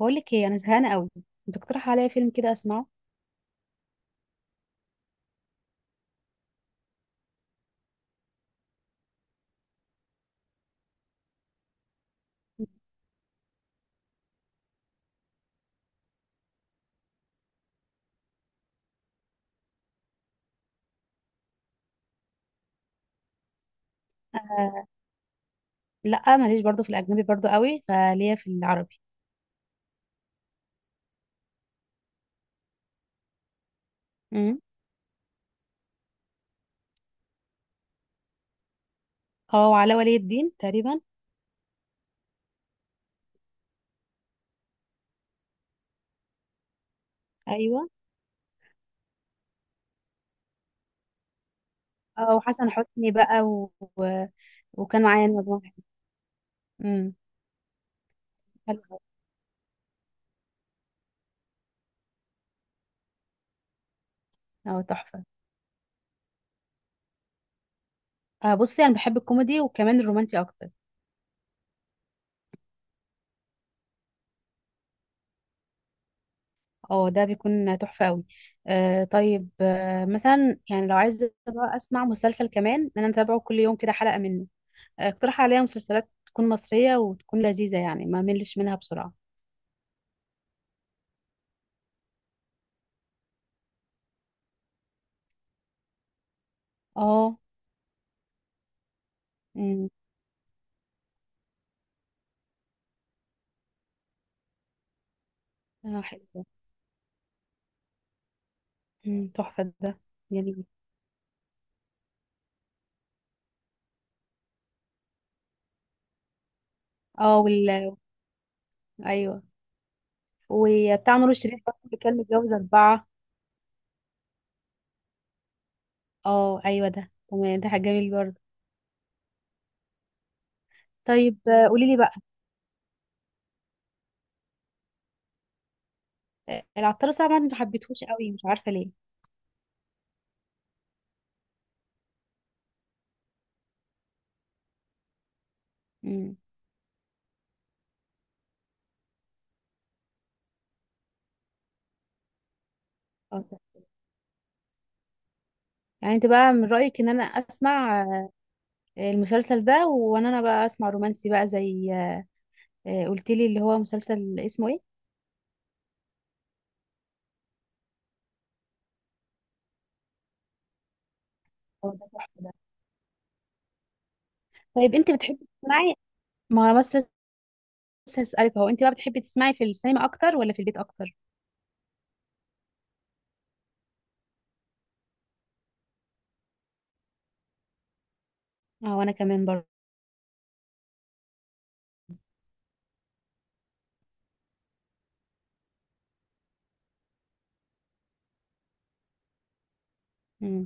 بقول لك ايه، انا زهقانه قوي. انت تقترح عليا فيلم كده اسمعه. آه، لا ماليش برضو في الاجنبي، برضو قوي فليا في العربي. امم. اه، وعلاء ولي الدين تقريبا. ايوه. اه، وحسن حسني بقى وكان معايا مجموعه. امم. حلو أوي. اه، تحفه. بصي انا بحب الكوميدي وكمان الرومانسي اكتر. اه، ده بيكون تحفه قوي. طيب، مثلا يعني لو عايزه بقى اسمع مسلسل كمان، انا متابعه كل يوم كده حلقه منه. اقترح عليا مسلسلات تكون مصريه وتكون لذيذه، يعني ما ملش منها بسرعه. اه. امم. اه، حلو ده. امم، تحفة ده. جميل. اه ايوه، وبتاع نور الشريف برضه اللي كان متجوز أربعة. اه، ايوه، ده تمام، ده حاجة جميل برضه. طيب، قولي لي بقى. العطار طبعا ما حبيتهوش قوي، مش عارفة ليه. امم. اه ده. يعني انت بقى من رأيك ان انا اسمع المسلسل ده، وانا انا بقى اسمع رومانسي بقى، زي قلت لي اللي هو مسلسل اسمه ايه. اه، ده تحفة ده. طيب، انت بتحبي تسمعي، ما انا بس لسه هسألك، هو انت بقى بتحبي تسمعي في السينما اكتر ولا في البيت اكتر. اه، وانا كمان برضه. مم.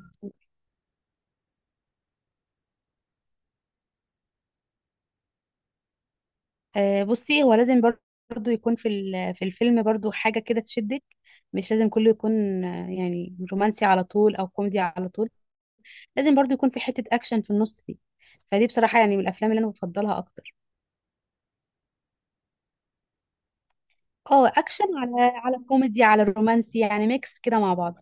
بصي هو لازم برضه يكون في الفيلم برضه حاجة كده تشدك. مش لازم كله يكون يعني رومانسي على طول او كوميدي على طول، لازم برضه يكون في حتة اكشن في النص دي. فدي بصراحة يعني من الافلام اللي انا بفضلها اكتر. اه، اكشن على كوميدي على رومانسي، يعني ميكس كده مع بعض.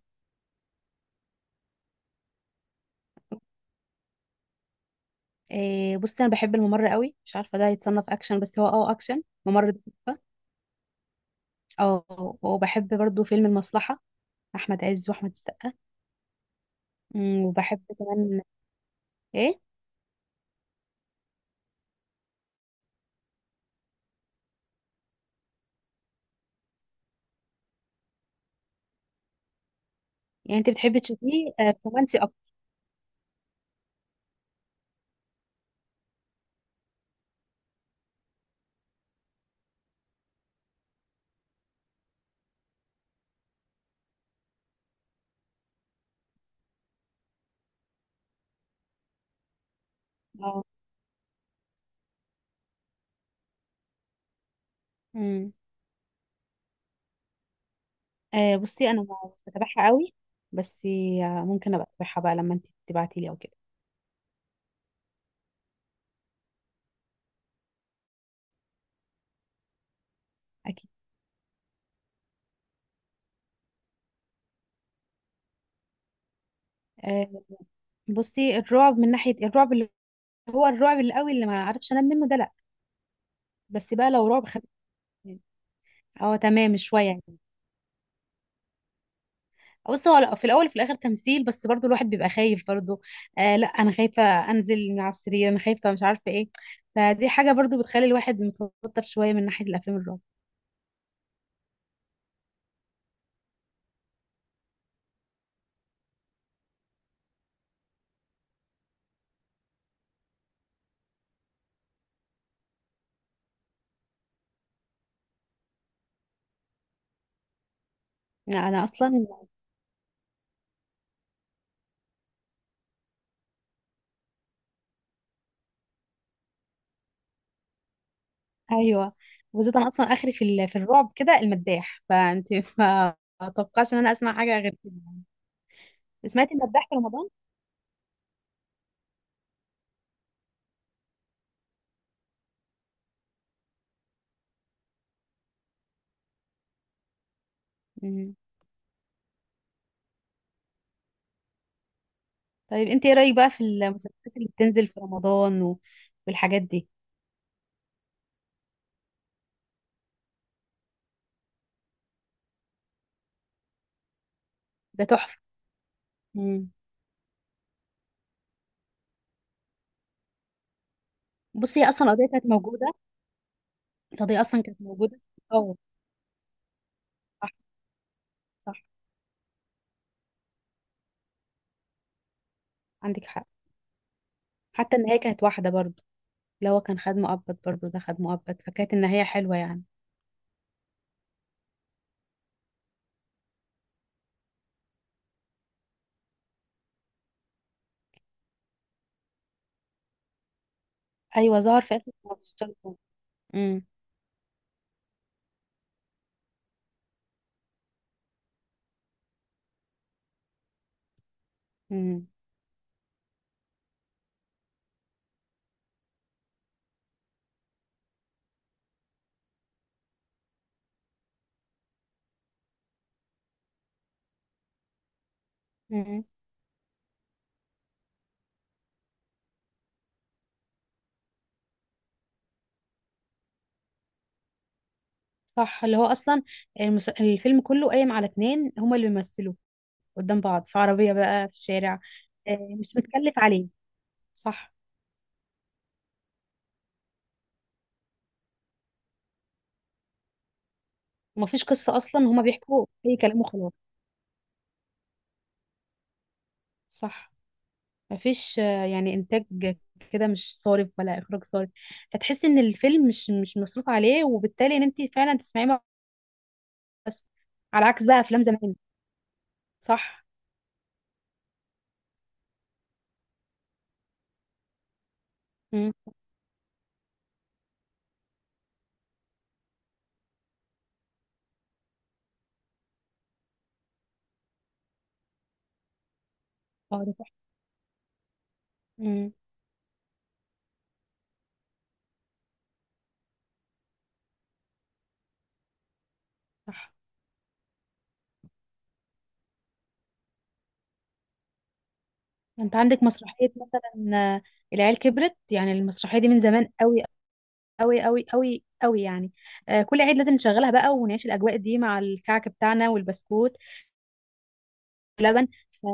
بصي انا بحب الممر قوي، مش عارفة ده يتصنف اكشن، بس هو اكشن، ممر ده. تحفة. اه، وبحب برضه فيلم المصلحة، احمد عز واحمد السقا. وبحب كمان ايه. يعني انت بتحبي تشوفيه رومانسي اكتر. اه. امم. بصي انا مش بتابعها قوي، بس ممكن ابقى اتابعها بقى لما انت تبعتي لي او كده. اكيد. آه، بصي الرعب، من ناحيه الرعب اللي هو الرعب القوي اللي ما اعرفش انام منه، ده لا. بس بقى لو رعب خفيف يعني، اه تمام، شويه يعني. بص، هو في الاول وفي الاخر تمثيل، بس برضو الواحد بيبقى خايف برضو. آه لا، انا خايفه انزل من على السرير، انا خايفه مش عارفه ايه. فدي حاجه برضو بتخلي الواحد متوتر شويه من ناحيه الافلام الرعب. أنا اصلا. ايوه. وبالذات انا اصلا اخري في الرعب كده، المداح، فانت ما اتوقعش ان انا اسمع حاجه غير كده. سمعت المداح في رمضان. مم. طيب، انت ايه رايك بقى في المسلسلات اللي بتنزل في رمضان والحاجات دي. ده تحفه. مم. بصي هي اصلا القضيه كانت موجوده، القضيه اصلا كانت موجوده. اه، صح، صح، عندك حق. حتى النهايه كانت واحده برضو، اللي هو كان خد مؤبد برضو، ده خد مؤبد، فكانت النهايه حلوه يعني. ايوه، ظهر في اخر 15 سنه. امم. امم. صح. اللي هو اصلا الفيلم كله قايم على اتنين هما اللي بيمثلوا قدام بعض في عربية بقى في الشارع. مش متكلف عليه. صح. مفيش قصة اصلا، هما بيحكوا اي كلام وخلاص. صح. مفيش يعني انتاج كده، مش صارف ولا اخراج صارف، فتحس ان الفيلم مش مصروف عليه، وبالتالي ان انت فعلا تسمعيه بس، على عكس بقى افلام زمان. صح. امم. اه، ده صح. امم. صح. انت عندك مسرحية مثلا العيال كبرت، يعني المسرحية دي من زمان قوي، أوي أوي أوي أوي يعني. كل عيد لازم نشغلها بقى ونعيش الأجواء دي مع الكعك بتاعنا والبسكوت واللبن. ف...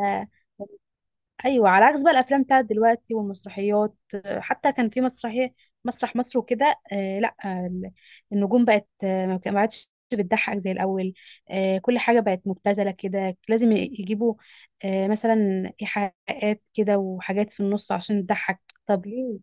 أيوة، على عكس بقى الأفلام بتاعت دلوقتي والمسرحيات. حتى كان في مسرحية مسرح مصر وكده، لا، النجوم بقت، ما عادش بتضحك زي الأول. كل حاجة بقت مبتذلة كده، لازم يجيبوا مثلا إيحاءات كده وحاجات في النص عشان تضحك. طب ليه؟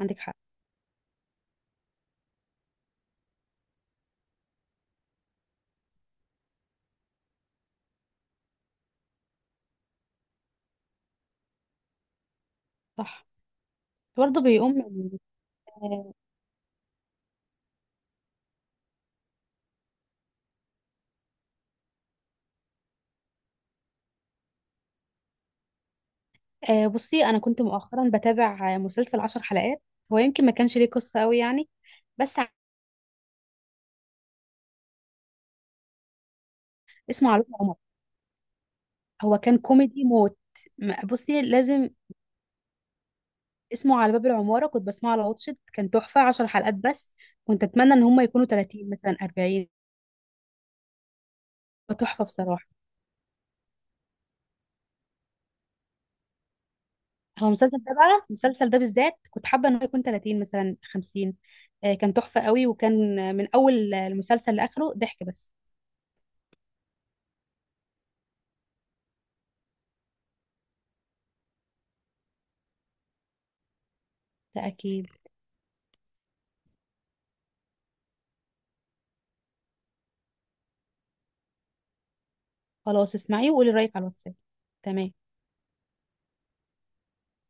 عندك حق، صح، برضه بيقوم. بصي انا كنت مؤخرا بتابع مسلسل 10 حلقات، هو يمكن ما كانش ليه قصه قوي يعني، بس اسمه على باب العماره. هو كان كوميدي موت. بصي لازم، اسمه على باب العماره، كنت بسمعه على واتشت، كان تحفه 10 حلقات بس. كنت اتمنى ان هم يكونوا 30 مثلا 40. هو تحفه بصراحه. هو المسلسل ده بقى، المسلسل ده بالذات كنت حابه انه يكون 30 مثلا 50. كان تحفه قوي، وكان من اول المسلسل لاخره ضحك بس. ده اكيد. خلاص، اسمعيه وقولي رايك على الواتساب. تمام.